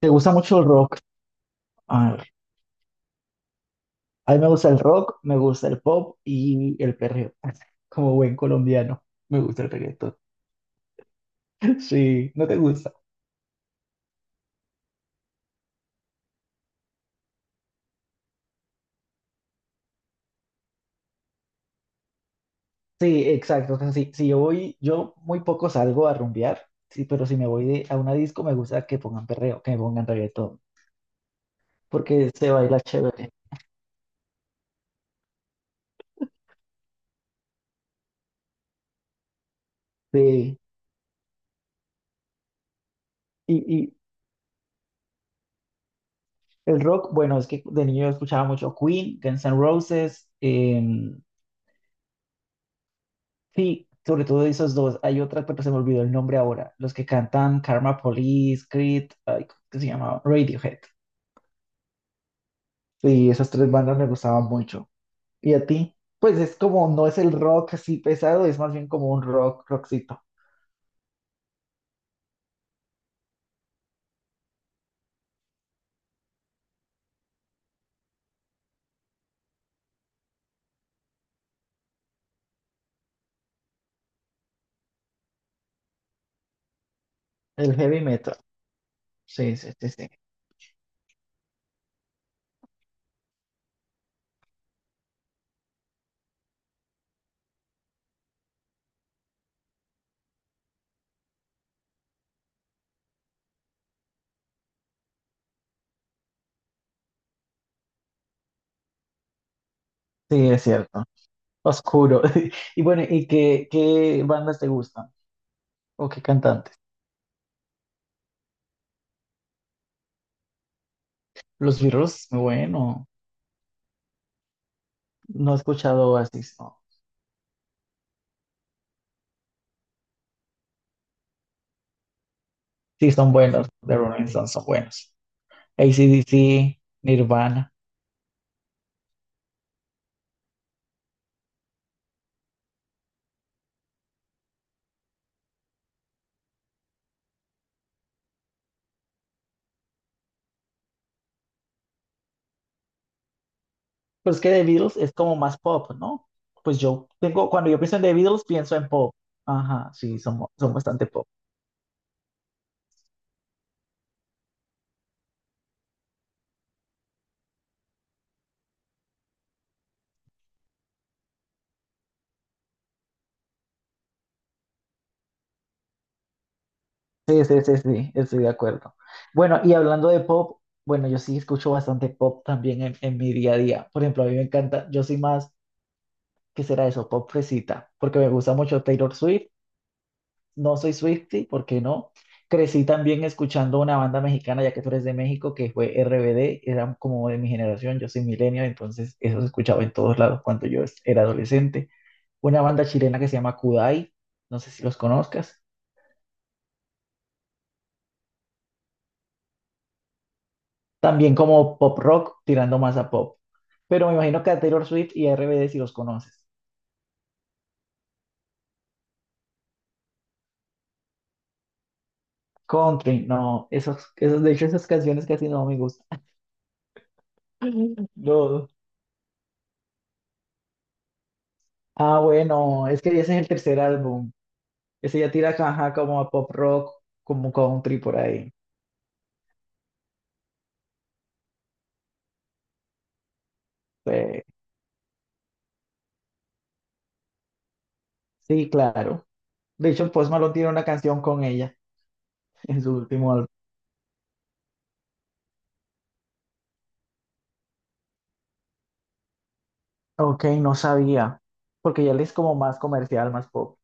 ¿Te gusta mucho el rock? A ver, a mí me gusta el rock, me gusta el pop y el perreo. Como buen colombiano, me gusta el reggaetón. Sí, ¿no te gusta? Sí, exacto. O sea, si yo voy, yo muy poco salgo a rumbear, sí, pero si a una disco me gusta que pongan perreo, que me pongan reggaetón, porque se baila chévere. Sí, y el rock, bueno, es que de niño yo escuchaba mucho Queen, Guns N' Roses, sí, sobre todo de esos dos. Hay otra, pero se me olvidó el nombre ahora. Los que cantan Karma Police, Creed, ay, ¿cómo se llamaba? Radiohead. Sí, esas tres bandas me gustaban mucho. ¿Y a ti? Pues es como, no es el rock así pesado, es más bien como un rock, rockcito. El heavy metal. Sí, sí, sí, sí. Sí, es cierto. Oscuro. Y bueno, ¿y qué bandas te gustan? ¿O qué cantantes? Los Beatles, bueno, no he escuchado Oasis, no. Sí, son buenos, The Rolling Stones son buenos. AC/DC, Nirvana. Pero es que The Beatles es como más pop, ¿no? Pues yo tengo, cuando yo pienso en The Beatles, pienso en pop. Ajá, sí, son, son bastante pop. Sí, sí, sí, sí, estoy de acuerdo. Bueno, y hablando de pop, bueno, yo sí escucho bastante pop también en mi día a día. Por ejemplo, a mí me encanta, yo soy más, ¿qué será eso? Pop fresita, porque me gusta mucho Taylor Swift, no soy Swiftie, ¿por qué no? Crecí también escuchando una banda mexicana, ya que tú eres de México, que fue RBD, era como de mi generación, yo soy millennial, entonces eso se escuchaba en todos lados cuando era adolescente. Una banda chilena que se llama Kudai, no sé si los conozcas. También como pop rock, tirando más a pop. Pero me imagino que a Taylor Swift y a RBD si los conoces. Country, no, esos, esos, de hecho esas canciones casi no me gustan. No. Ah, bueno, es que ese es el tercer álbum. Ese ya tira, ajá, como a pop rock, como country por ahí. Eh, sí, claro. De hecho, Post Malone tiene una canción con ella en su último álbum. Ok, no sabía, porque ya él es como más comercial, más pop.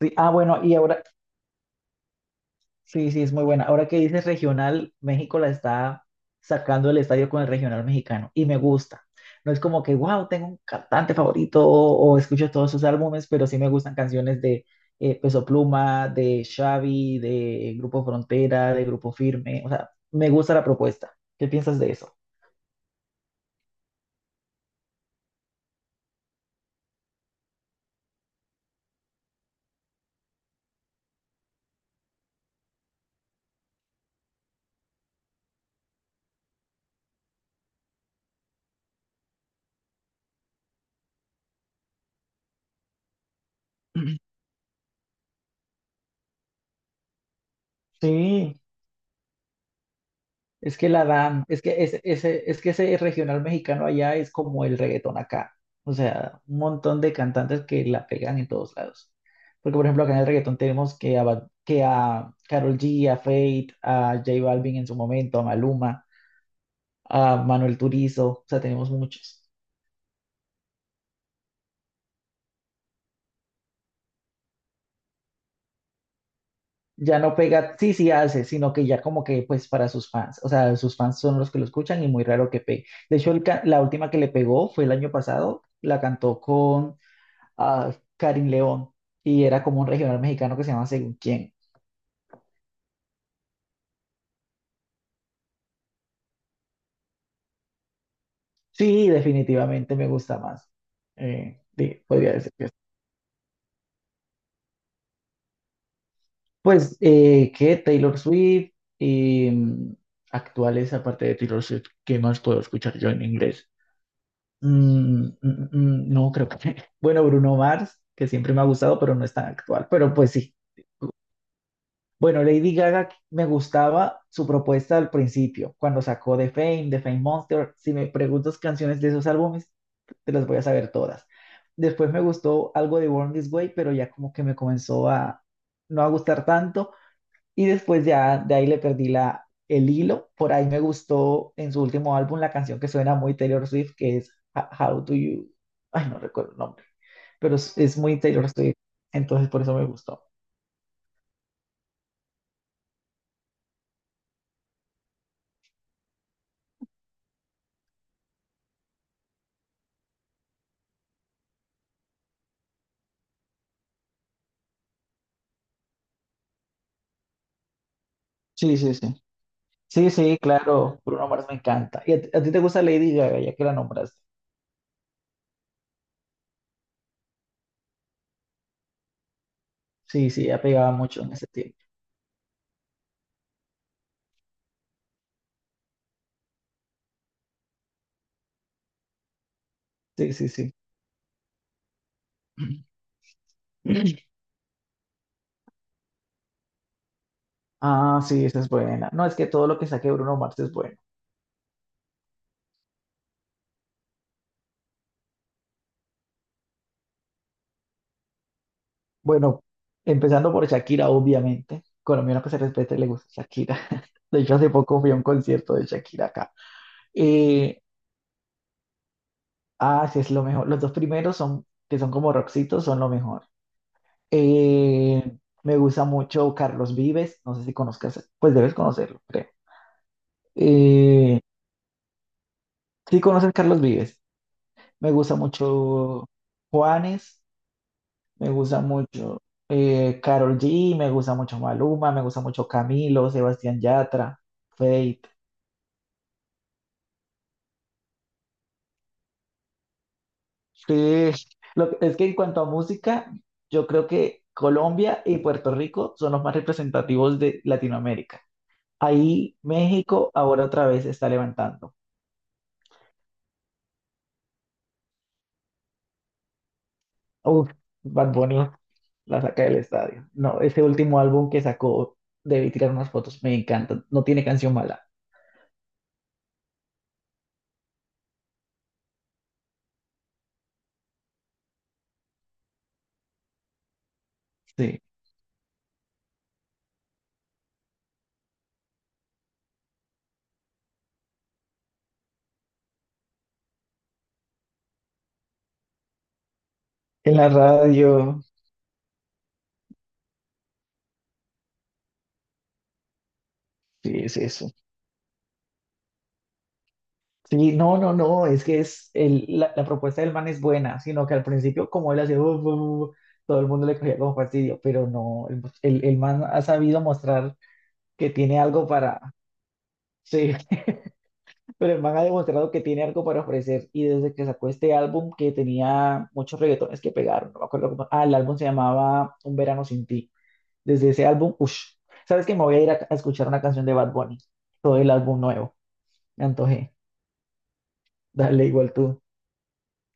Sí, ah, bueno, y ahora sí, sí, es muy buena. Ahora que dices regional, México la está sacando del estadio con el regional mexicano y me gusta. No es como que, wow, tengo un cantante favorito o escucho todos sus álbumes, pero sí me gustan canciones de Peso Pluma, de Xavi, de Grupo Frontera, de Grupo Firme. O sea, me gusta la propuesta. ¿Qué piensas de eso? Sí, es que la dan, es que ese, es que ese regional mexicano allá es como el reggaetón acá. O sea, un montón de cantantes que la pegan en todos lados. Porque, por ejemplo, acá en el reggaetón tenemos que a, que a Karol G, a Fate, a J Balvin en su momento, a Maluma, a Manuel Turizo. O sea, tenemos muchos. Ya no pega, sí, sí hace, sino que ya como que, pues, para sus fans. O sea, sus fans son los que lo escuchan y muy raro que pegue. De hecho, la última que le pegó fue el año pasado. La cantó con a Karim León y era como un regional mexicano que se llama Según quién. Sí, definitivamente me gusta más. Podría decir que sí. Pues, ¿qué? Taylor Swift y actuales, aparte de Taylor Swift, ¿qué más puedo escuchar yo en inglés? No, creo que... Bueno, Bruno Mars, que siempre me ha gustado, pero no es tan actual, pero pues sí. Bueno, Lady Gaga me gustaba su propuesta al principio, cuando sacó The Fame, The Fame Monster. Si me preguntas canciones de esos álbumes, te las voy a saber todas. Después me gustó algo de Born This Way, pero ya como que me comenzó a no a gustar tanto. Y después ya de ahí le perdí la, el hilo. Por ahí me gustó en su último álbum la canción que suena muy Taylor Swift, que es How Do You... Ay, no recuerdo el nombre, pero es muy Taylor Swift. Entonces por eso me gustó. Sí, sí, sí. Sí, sí, claro, Bruno Mars me encanta. ¿Y a ti te gusta Lady Gaga, ya que la nombraste? Sí, sí, ella pegaba mucho en ese tiempo. Sí, sí, sí. Ah, sí, esa es buena. No, es que todo lo que saque Bruno Mars es bueno. Bueno, empezando por Shakira, obviamente. Colombiano que se respete le gusta Shakira. De hecho, hace poco fui a un concierto de Shakira acá. Eh, ah, sí, es lo mejor. Los dos primeros son, que son como rockcitos, son lo mejor. Eh, me gusta mucho Carlos Vives. No sé si conozcas, pues debes conocerlo, creo. Eh, sí conoces Carlos Vives. Me gusta mucho Juanes, me gusta mucho Karol G, me gusta mucho Maluma, me gusta mucho Camilo, Sebastián Yatra, Fate. Sí, es que en cuanto a música, yo creo que Colombia y Puerto Rico son los más representativos de Latinoamérica. Ahí México ahora otra vez se está levantando. Uf, Bad Bunny la saca del estadio. No, ese último álbum que sacó, debí tirar unas fotos, me encanta. No tiene canción mala. Sí. En la radio, sí, es eso. Sí, no, no, no, es que es la propuesta del man es buena, sino que al principio, como él hacía, todo el mundo le cogía como fastidio, pero no, el man ha sabido mostrar que tiene algo para. Sí, pero el man ha demostrado que tiene algo para ofrecer y desde que sacó este álbum que tenía muchos reggaetones que pegaron, no me acuerdo cómo, ah, el álbum se llamaba Un verano sin ti. Desde ese álbum, uff, ¿sabes que Me voy a ir a escuchar una canción de Bad Bunny, todo el álbum nuevo, me antojé, dale igual tú.